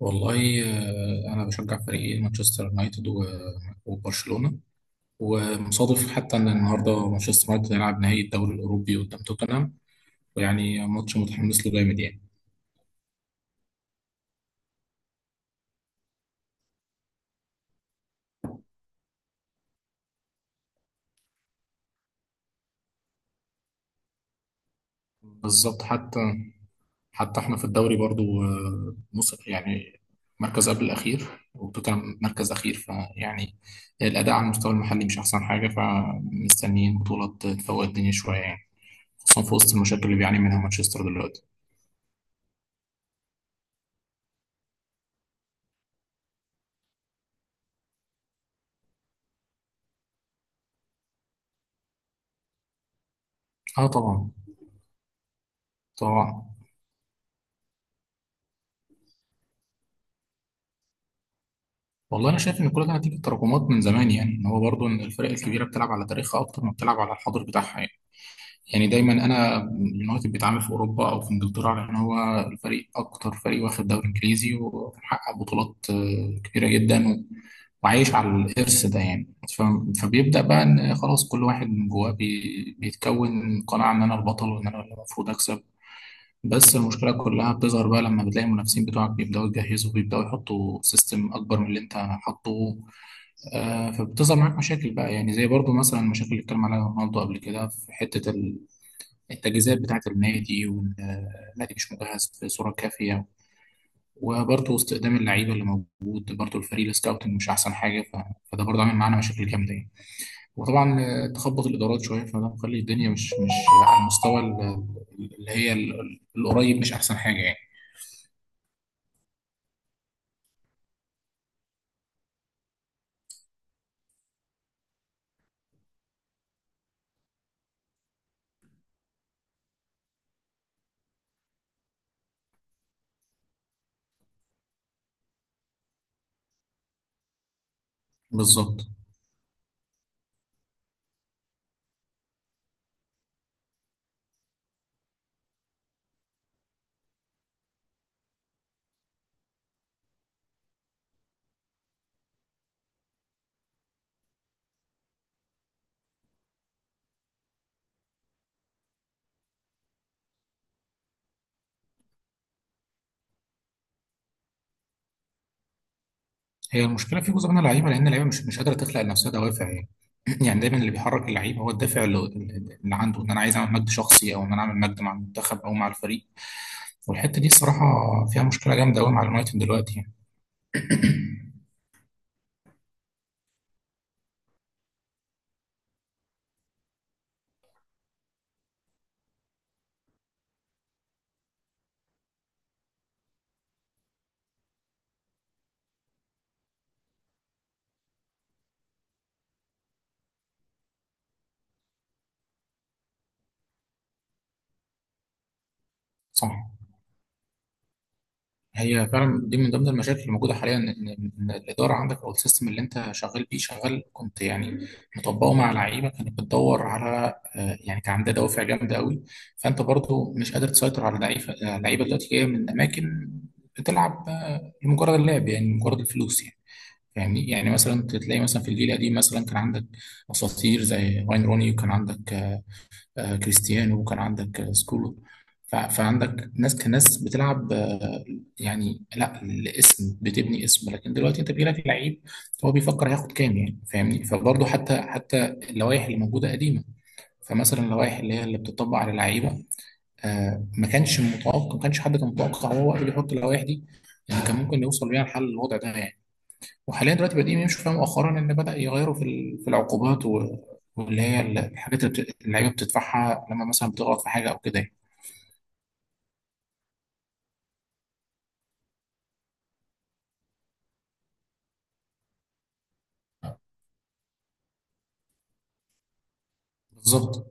والله أنا بشجع فريقين مانشستر يونايتد وبرشلونة. ومصادف حتى إن النهاردة مانشستر يونايتد هيلعب نهائي الدوري الأوروبي قدام توتنهام، ويعني ماتش متحمس له جامد يعني. بالظبط. حتى إحنا في الدوري برضو، نص يعني مركز قبل الأخير، وتوتنهام مركز أخير فيعني الأداء على المستوى المحلي مش أحسن حاجة، فمستنيين بطولة تفوق الدنيا شوية يعني، خصوصا في وسط المشاكل اللي بيعاني منها مانشستر دلوقتي. اه، طبعا طبعا. والله انا شايف ان كل ده نتيجه تراكمات من زمان، يعني ان هو برضه ان الفرق الكبيره بتلعب على تاريخها اكتر ما بتلعب على الحاضر بتاعها يعني. يعني دايما انا اليونايتد بيتعامل في اوروبا او في انجلترا، لان هو الفريق اكتر فريق واخد دوري انجليزي ومحقق بطولات كبيره جدا وعايش على الارث ده يعني. ف- فبيبدا بقى ان خلاص كل واحد من جواه بيتكون قناعه ان انا البطل وان انا اللي المفروض اكسب. بس المشكلة كلها بتظهر بقى لما بتلاقي المنافسين بتوعك بيبدأوا يجهزوا، بيبدأوا يحطوا سيستم أكبر من اللي أنت حاطه. فبتظهر معاك مشاكل بقى، يعني زي برضو مثلا المشاكل اللي اتكلم عليها رونالدو قبل كده في حتة التجهيزات بتاعة النادي، وإن النادي مش مجهز بصورة كافية. وبرضو استخدام اللعيبة اللي موجود، برضو الفريق السكاوتنج مش أحسن حاجة فده برضو عامل معانا مشاكل جامدة يعني. وطبعا تخبط الإدارات شوية، فده مخلي الدنيا مش على المستوى اللي هي القريب مش أحسن حاجة يعني. بالظبط. هي المشكله في جزء من اللعيبه، لان اللعيبه مش قادره تخلق لنفسها دوافع يعني. يعني دايما اللي بيحرك اللعيب هو الدافع اللي عنده ان انا عايز اعمل مجد شخصي، او ان انا اعمل مجد مع المنتخب او مع الفريق، والحته دي الصراحه فيها مشكله جامده قوي مع اليونايتد دلوقتي يعني. صح. هي فعلا دي من ضمن المشاكل اللي موجوده حاليا، ان إن الاداره عندك او السيستم اللي انت شغال بيه شغال، كنت يعني مطبقه مع لعيبه كانت بتدور على، يعني كان عندها دوافع جامده قوي. فانت برضو مش قادر تسيطر على لعيبه دلوقتي جايه من اماكن بتلعب لمجرد اللعب، يعني مجرد الفلوس يعني. فاهمني. يعني مثلا تلاقي مثلا في الجيل القديم مثلا كان عندك اساطير زي واين روني، وكان عندك كريستيانو، وكان عندك سكولو. فعندك ناس كناس بتلعب، يعني لا الاسم بتبني اسم. لكن دلوقتي انت بيجيلك لعيب هو بيفكر هياخد كام يعني، فاهمني. فبرضه حتى اللوائح اللي موجوده قديمه، فمثلا اللوائح اللي هي اللي بتطبق على اللعيبه، ما كانش حد كان متوقع هو وقت بيحط اللوائح دي ان كان ممكن يوصل بيها لحل الوضع ده يعني. وحاليا دلوقتي بادئين يمشوا فيها مؤخرا، ان بدا يغيروا في في العقوبات واللي هي الحاجات اللي اللعيبه بتدفعها لما مثلا بتغلط في حاجه او كده يعني. بالظبط.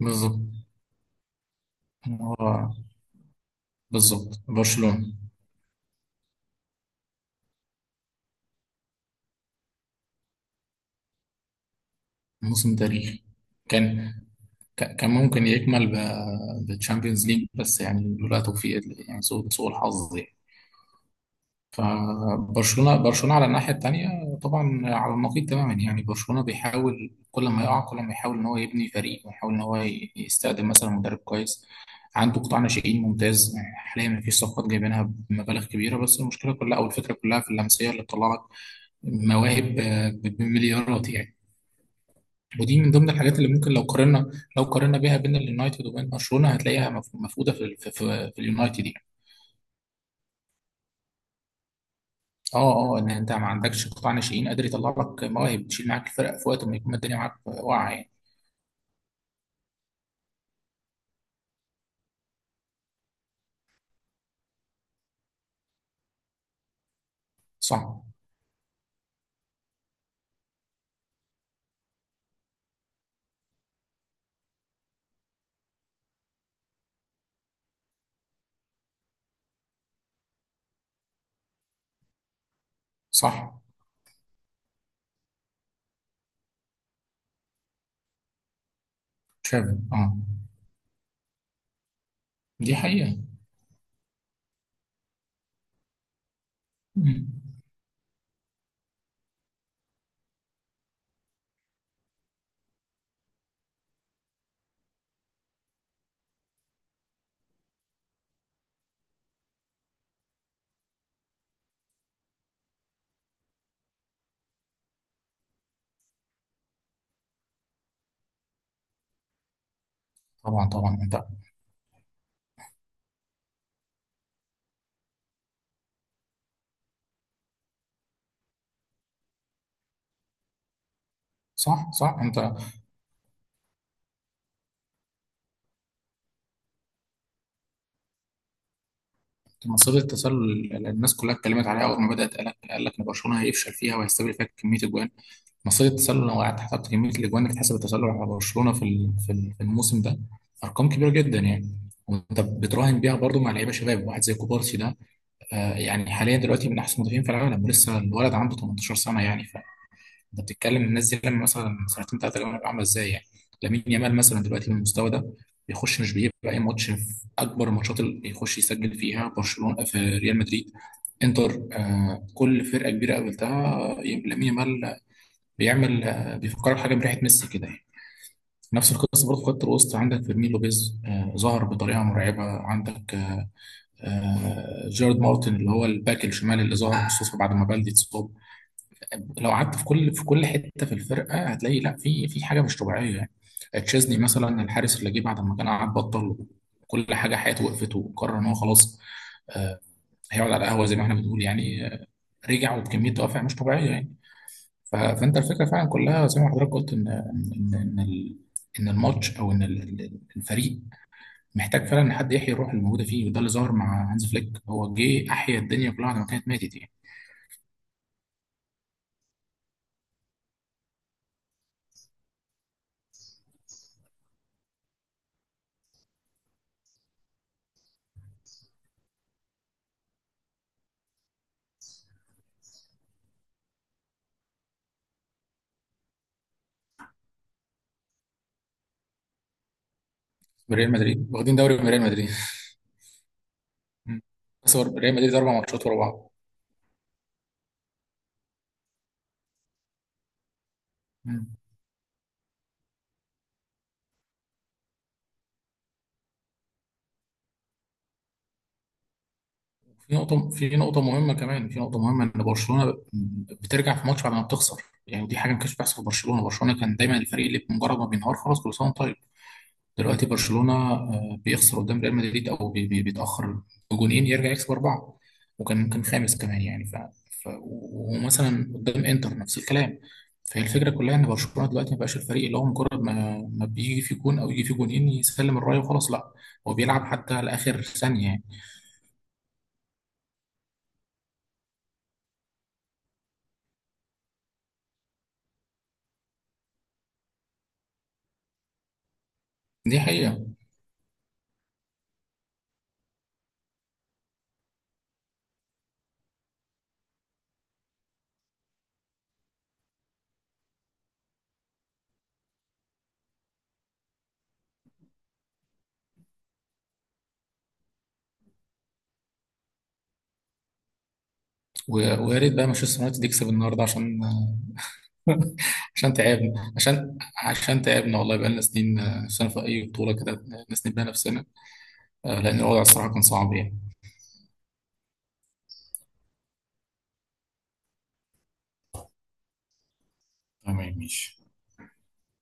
بالظبط. هو بالظبط برشلونه. موسم تاريخي كان. كان ممكن يكمل بالتشامبيونز ليج، بس يعني لولا توفيق يعني سوء الحظ يعني. برشلونة على الناحية التانية طبعا على النقيض تماما يعني. برشلونة بيحاول كل ما يقع، كل ما يحاول ان هو يبني فريق ويحاول ان هو يستخدم مثلا مدرب كويس، عنده قطاع ناشئين ممتاز. يعني حاليا مفيش صفقات جايبينها بمبالغ كبيرة، بس المشكلة كلها او الفكرة كلها في اللمسية اللي بتطلع لك مواهب، بمليارات يعني. ودي من ضمن الحاجات اللي ممكن لو قارنا بيها بين اليونايتد وبين برشلونة، هتلاقيها مفقودة في اليونايتد. اه اه، ان انت ما عندكش قطاع ناشئين قادر يطلع لك مواهب تشيل معاك الفرق في وقت ما يكون الدنيا معاك واقعه يعني. صح صح. شايف. اه. دي حقيقه. مم. طبعا طبعا. انت صح صح. أنت مصيدة التسلل اللي الناس كلها اتكلمت عليها اول ما بدات، قال لك ان برشلونه هيفشل فيها وهيستقبل فيها كميه اجوان. مصيدة التسلل، لو قعدت حسبت كميه الاجوان اللي اتحسب التسلل على برشلونه في في الموسم ده، ارقام كبيره جدا يعني. وانت بتراهن بيها برضو مع لعيبه شباب واحد زي كوبارسي ده. يعني حاليا دلوقتي من احسن مدافعين في العالم، ولسه الولد عنده 18 سنه يعني. فانت بتتكلم الناس دي لما مثلا سنتين ثلاثه اللي عامله ازاي يعني. لامين يامال مثلا دلوقتي بالمستوى ده بيخش، مش بيبقى اي ماتش في اكبر الماتشات اللي بيخش يسجل فيها برشلونه، في ريال مدريد، انتر، آه كل فرقه كبيره قابلتها لامين يامال بيعمل، آه بيفكرك حاجه بريحه ميسي كده يعني. نفس القصه برضه في خط الوسط عندك فيرمين لوبيز، آه ظهر بطريقه مرعبه. عندك جارد مارتن اللي هو الباك الشمال اللي ظهر خصوصا بعد ما بلدي اتصاب. لو قعدت في كل حته في الفرقه هتلاقي لا في في حاجه مش طبيعيه يعني. تشيزني مثلا الحارس اللي جه بعد ما كان قعد بطل كل حاجه حياته، وقفت وقرر ان هو خلاص آه، هيقعد على القهوه زي ما احنا بنقول يعني. رجع وبكميه دوافع مش طبيعيه يعني. فانت الفكره فعلا كلها زي ما حضرتك قلت ان إن الماتش او ان الفريق محتاج فعلا حد يحيي الروح اللي موجوده فيه، وده اللي ظهر مع هانز فليك، هو جه احيا الدنيا كلها بعد ما كانت ماتت يعني. بريال مدريد واخدين دوري من ريال مدريد مم. بس هو ريال مدريد اربع ماتشات ورا بعض. مم. في نقطه مهمه ان برشلونه بترجع في ماتش بعد ما بتخسر، يعني دي حاجه ما كانتش بتحصل في برشلونه كان دايما الفريق اللي بمجرد ما بينهار خلاص كل سنه وانت طيب. دلوقتي برشلونة بيخسر قدام ريال مدريد أو بيتأخر بجونين يرجع يكسب أربعة، وكان ممكن خامس كمان يعني ومثلا قدام إنتر نفس الكلام. فهي الفكرة كلها إن برشلونة دلوقتي ما بقاش الفريق اللي هو مجرد ما بيجي في جون أو يجي في جونين يسلم الراية وخلاص، لا هو بيلعب حتى لآخر ثانية يعني. دي حقيقة. ويا ريت بقى مانشستر يونايتد يكسب النهاردة عشان عشان تعبنا والله بقالنا سنين، سنة في أي بطولة كده نسند بيها نفسنا. لأن الوضع الصراحة كان صعب يعني. تمام ماشي.